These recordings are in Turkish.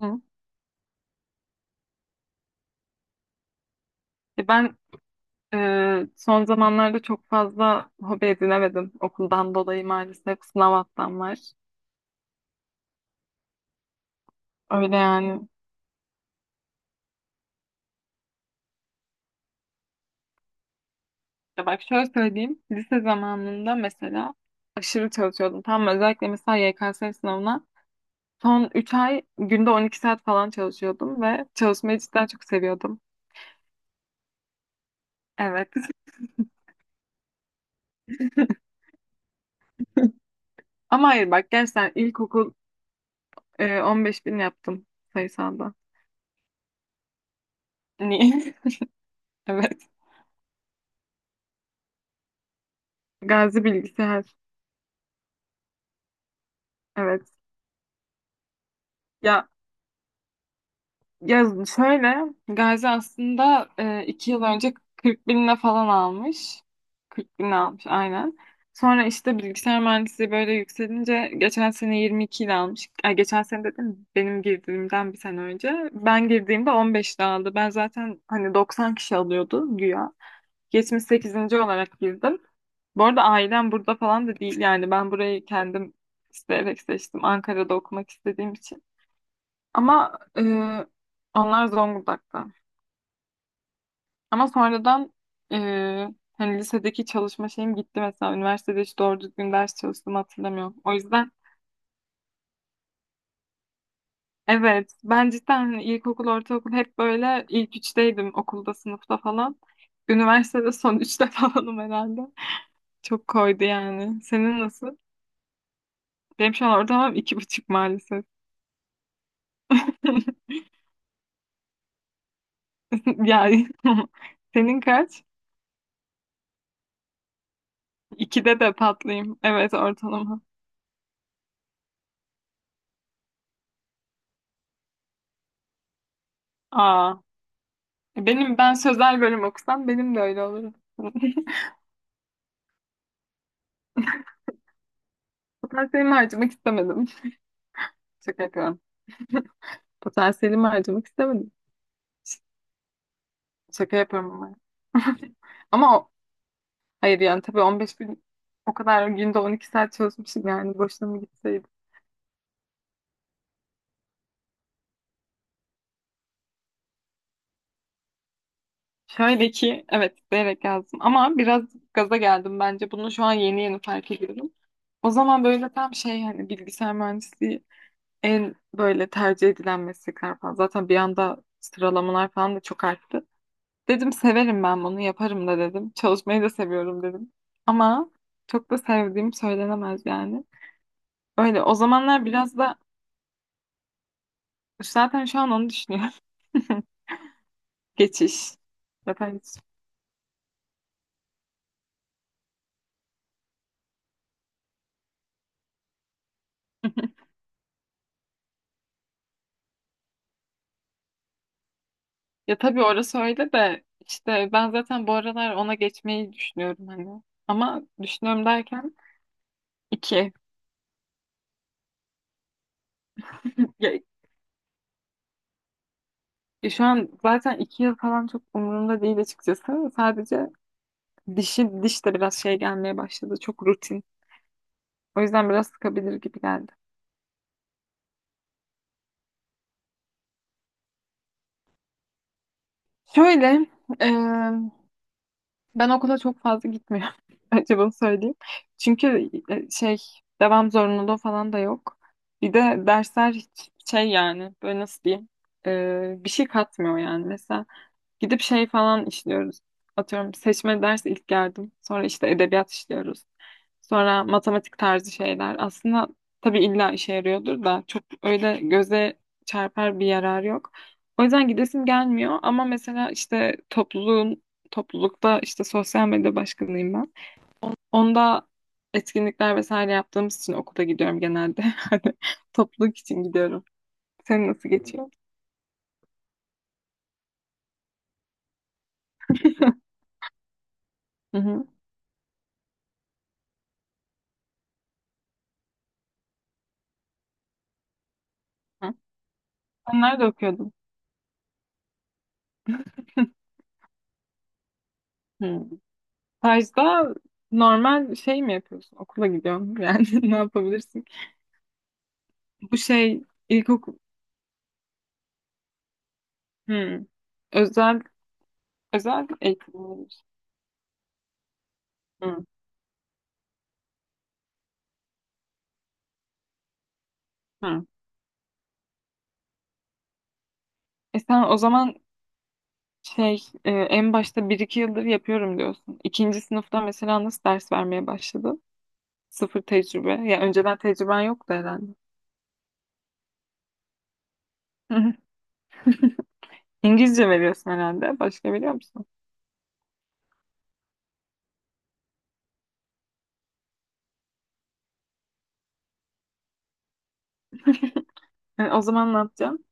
Hı. Ben son zamanlarda çok fazla hobi edinemedim. Okuldan dolayı maalesef sınav haftam var. Öyle yani. Ya bak şöyle söyleyeyim. Lise zamanında mesela aşırı çalışıyordum. Tam özellikle mesela YKS sınavına son 3 ay günde 12 saat falan çalışıyordum ve çalışmayı cidden çok seviyordum. Evet. Ama hayır bak gerçekten ilkokul. 15 bin yaptım sayısalda. Niye? Evet. Gazi bilgisayar. Evet. Ya Ya şöyle, Gazi aslında 2 yıl önce 40 binine falan almış. 40 bine almış aynen. Sonra işte bilgisayar mühendisliği böyle yükselince geçen sene 22 ile almış. Ay, geçen sene dedim benim girdiğimden bir sene önce. Ben girdiğimde 15 ile aldı. Ben zaten hani 90 kişi alıyordu güya. Yetmiş sekizinci olarak girdim. Bu arada ailem burada falan da değil, yani ben burayı kendim isteyerek seçtim. Ankara'da okumak istediğim için. Ama onlar Zonguldak'ta. Ama sonradan e, hani lisedeki çalışma şeyim gitti mesela. Üniversitede hiç doğru düzgün ders çalıştığımı hatırlamıyorum. O yüzden evet, ben cidden hani ilkokul, ortaokul hep böyle ilk üçteydim okulda, sınıfta falan. Üniversitede son üçte falanım herhalde. Çok koydu yani. Senin nasıl? Benim şu an ortalamam 2,5 maalesef. Yani senin kaç? İkide de patlayayım. Evet, ortalama. Aa. Ben sözel bölüm okusam benim de öyle olur. Potansiyelimi harcamak istemedim. Şaka yapıyorum. Potansiyelimi harcamak istemedim. Ş- Şaka yapıyorum ama. Ama hayır yani tabii 15 gün o kadar günde 12 saat çalışmışım, yani boşuna mı gitseydim. Şöyle ki evet isteyerek yazdım ama biraz gaza geldim bence. Bunu şu an yeni yeni fark ediyorum. O zaman böyle tam şey, hani bilgisayar mühendisliği en böyle tercih edilen meslekler falan. Zaten bir anda sıralamalar falan da çok arttı. Dedim severim ben, bunu yaparım da dedim. Çalışmayı da seviyorum dedim. Ama çok da sevdiğim söylenemez yani. Öyle, o zamanlar biraz da zaten şu an onu düşünüyorum. Geçiş. Zaten ya tabii orası öyle de, işte ben zaten bu aralar ona geçmeyi düşünüyorum hani. Ama düşünüyorum derken iki. Ya, ya şu an zaten 2 yıl falan çok umurumda değil açıkçası. Sadece diş de biraz şey gelmeye başladı. Çok rutin. O yüzden biraz sıkabilir gibi geldi. Şöyle, e, ben okula çok fazla gitmiyorum. Önce bunu söyleyeyim. Çünkü devam zorunluluğu falan da yok. Bir de dersler hiç şey yani, böyle nasıl diyeyim, bir şey katmıyor yani. Mesela gidip şey falan işliyoruz. Atıyorum seçme ders ilk geldim. Sonra işte edebiyat işliyoruz. Sonra matematik tarzı şeyler. Aslında tabii illa işe yarıyordur da çok öyle göze çarpar bir yarar yok. O yüzden gidesim gelmiyor, ama mesela işte toplulukta işte sosyal medya başkanıyım ben. Onda etkinlikler vesaire yaptığımız için okula gidiyorum genelde. Hani topluluk için gidiyorum. Senin nasıl geçiyor? Hı hı. Hı. Onlar da okuyordum. Hı. Stajda normal şey mi yapıyorsun? Okula gidiyorsun yani ne yapabilirsin? Bu şey ilkokul. hmm. özel özel eğitim olabilir. Hmm. Hmm. Sen o zaman en başta bir iki yıldır yapıyorum diyorsun. İkinci sınıfta mesela nasıl ders vermeye başladı? Sıfır tecrübe. Ya önceden tecrüben yoktu herhalde. İngilizce veriyorsun herhalde. Başka biliyor musun? Yani o zaman ne yapacaksın?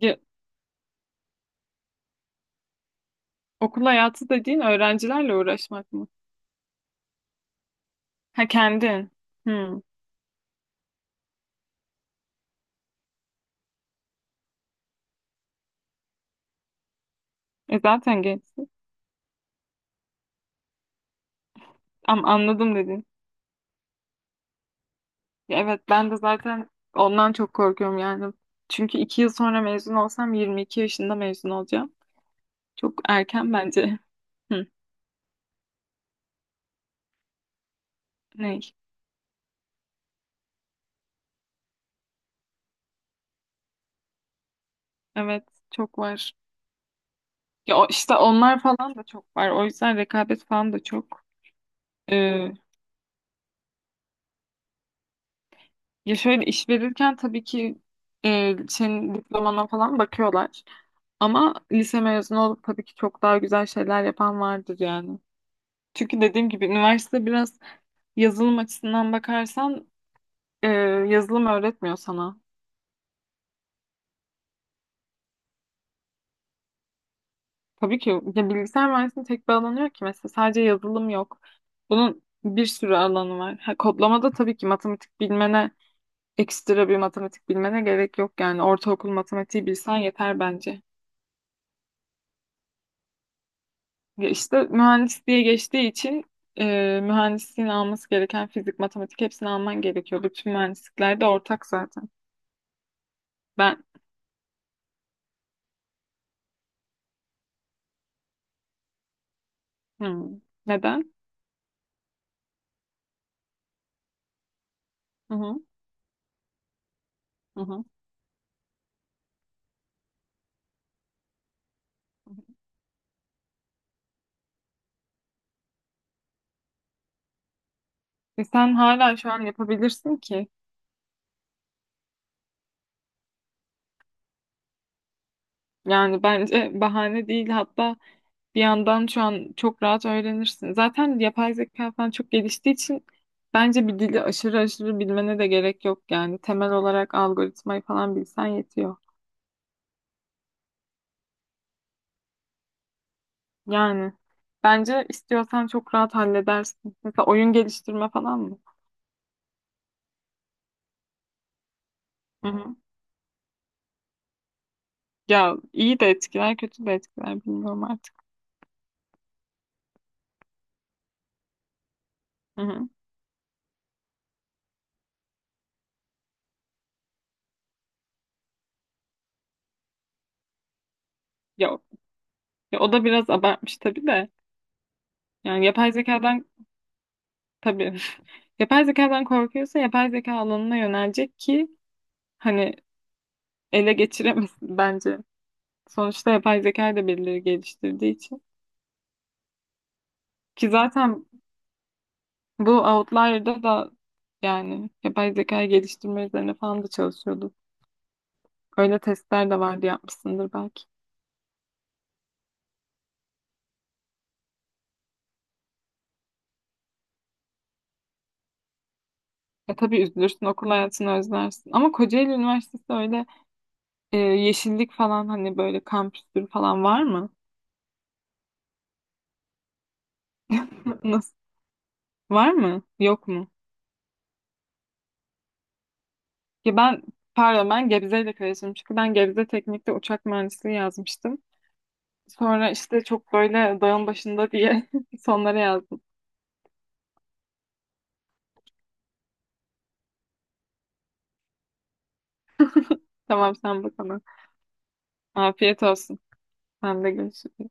Ya, okul hayatı dediğin öğrencilerle uğraşmak mı? Ha, kendin. Hmm. Zaten gençsin. Ama anladım dedin. Ya, evet ben de zaten ondan çok korkuyorum yani. Çünkü 2 yıl sonra mezun olsam 22 yaşında mezun olacağım. Çok erken bence. Hı, ne? Evet, çok var. Ya işte onlar falan da çok var. O yüzden rekabet falan da çok. Ee, ya şöyle iş verirken tabii ki senin diplomana falan bakıyorlar. Ama lise mezunu olup tabii ki çok daha güzel şeyler yapan vardır yani. Çünkü dediğim gibi üniversite biraz. Yazılım açısından bakarsan e, yazılım öğretmiyor sana. Tabii ki, ya bilgisayar mühendisliğinin tek bir alanı yok ki, mesela sadece yazılım yok. Bunun bir sürü alanı var. Ha, kodlamada tabii ki matematik bilmene ekstra bir matematik bilmene gerek yok, yani ortaokul matematiği bilsen yeter bence. Ya işte mühendisliğe geçtiği için mühendisliğin alması gereken fizik, matematik hepsini alman gerekiyor. Bütün mühendislikler de ortak zaten. Ben hmm, neden? Hı hı, hı hı. Sen hala şu an yapabilirsin ki. Yani bence bahane değil. Hatta bir yandan şu an çok rahat öğrenirsin. Zaten yapay zeka falan çok geliştiği için bence bir dili aşırı aşırı bilmene de gerek yok yani. Temel olarak algoritmayı falan bilsen yetiyor. Yani bence istiyorsan çok rahat halledersin. Mesela oyun geliştirme falan mı? Hı hı. Ya iyi de etkiler, kötü de etkiler, bilmiyorum artık. Hı hı. Ya, ya o da biraz abartmış tabii de. Yani yapay zekadan. Tabii. Yapay zekadan korkuyorsa yapay zeka alanına yönelecek ki hani ele geçiremesin bence. Sonuçta yapay zekayı da birileri geliştirdiği için. Ki zaten bu Outlier'da da yani yapay zekayı geliştirme üzerine falan da çalışıyordu. Öyle testler de vardı, yapmışsındır belki. Tabii üzülürsün, okul hayatını özlersin. Ama Kocaeli Üniversitesi öyle yeşillik falan, hani böyle kampüsleri falan var mı? Nasıl? Var mı? Yok mu? Ki ben, pardon, ben Gebze ile karıştırdım. Çünkü ben Gebze Teknik'te uçak mühendisliği yazmıştım. Sonra işte çok böyle dağın başında diye sonlara yazdım. Tamam, sen bak ona. Afiyet olsun. Sen de görüşürüz.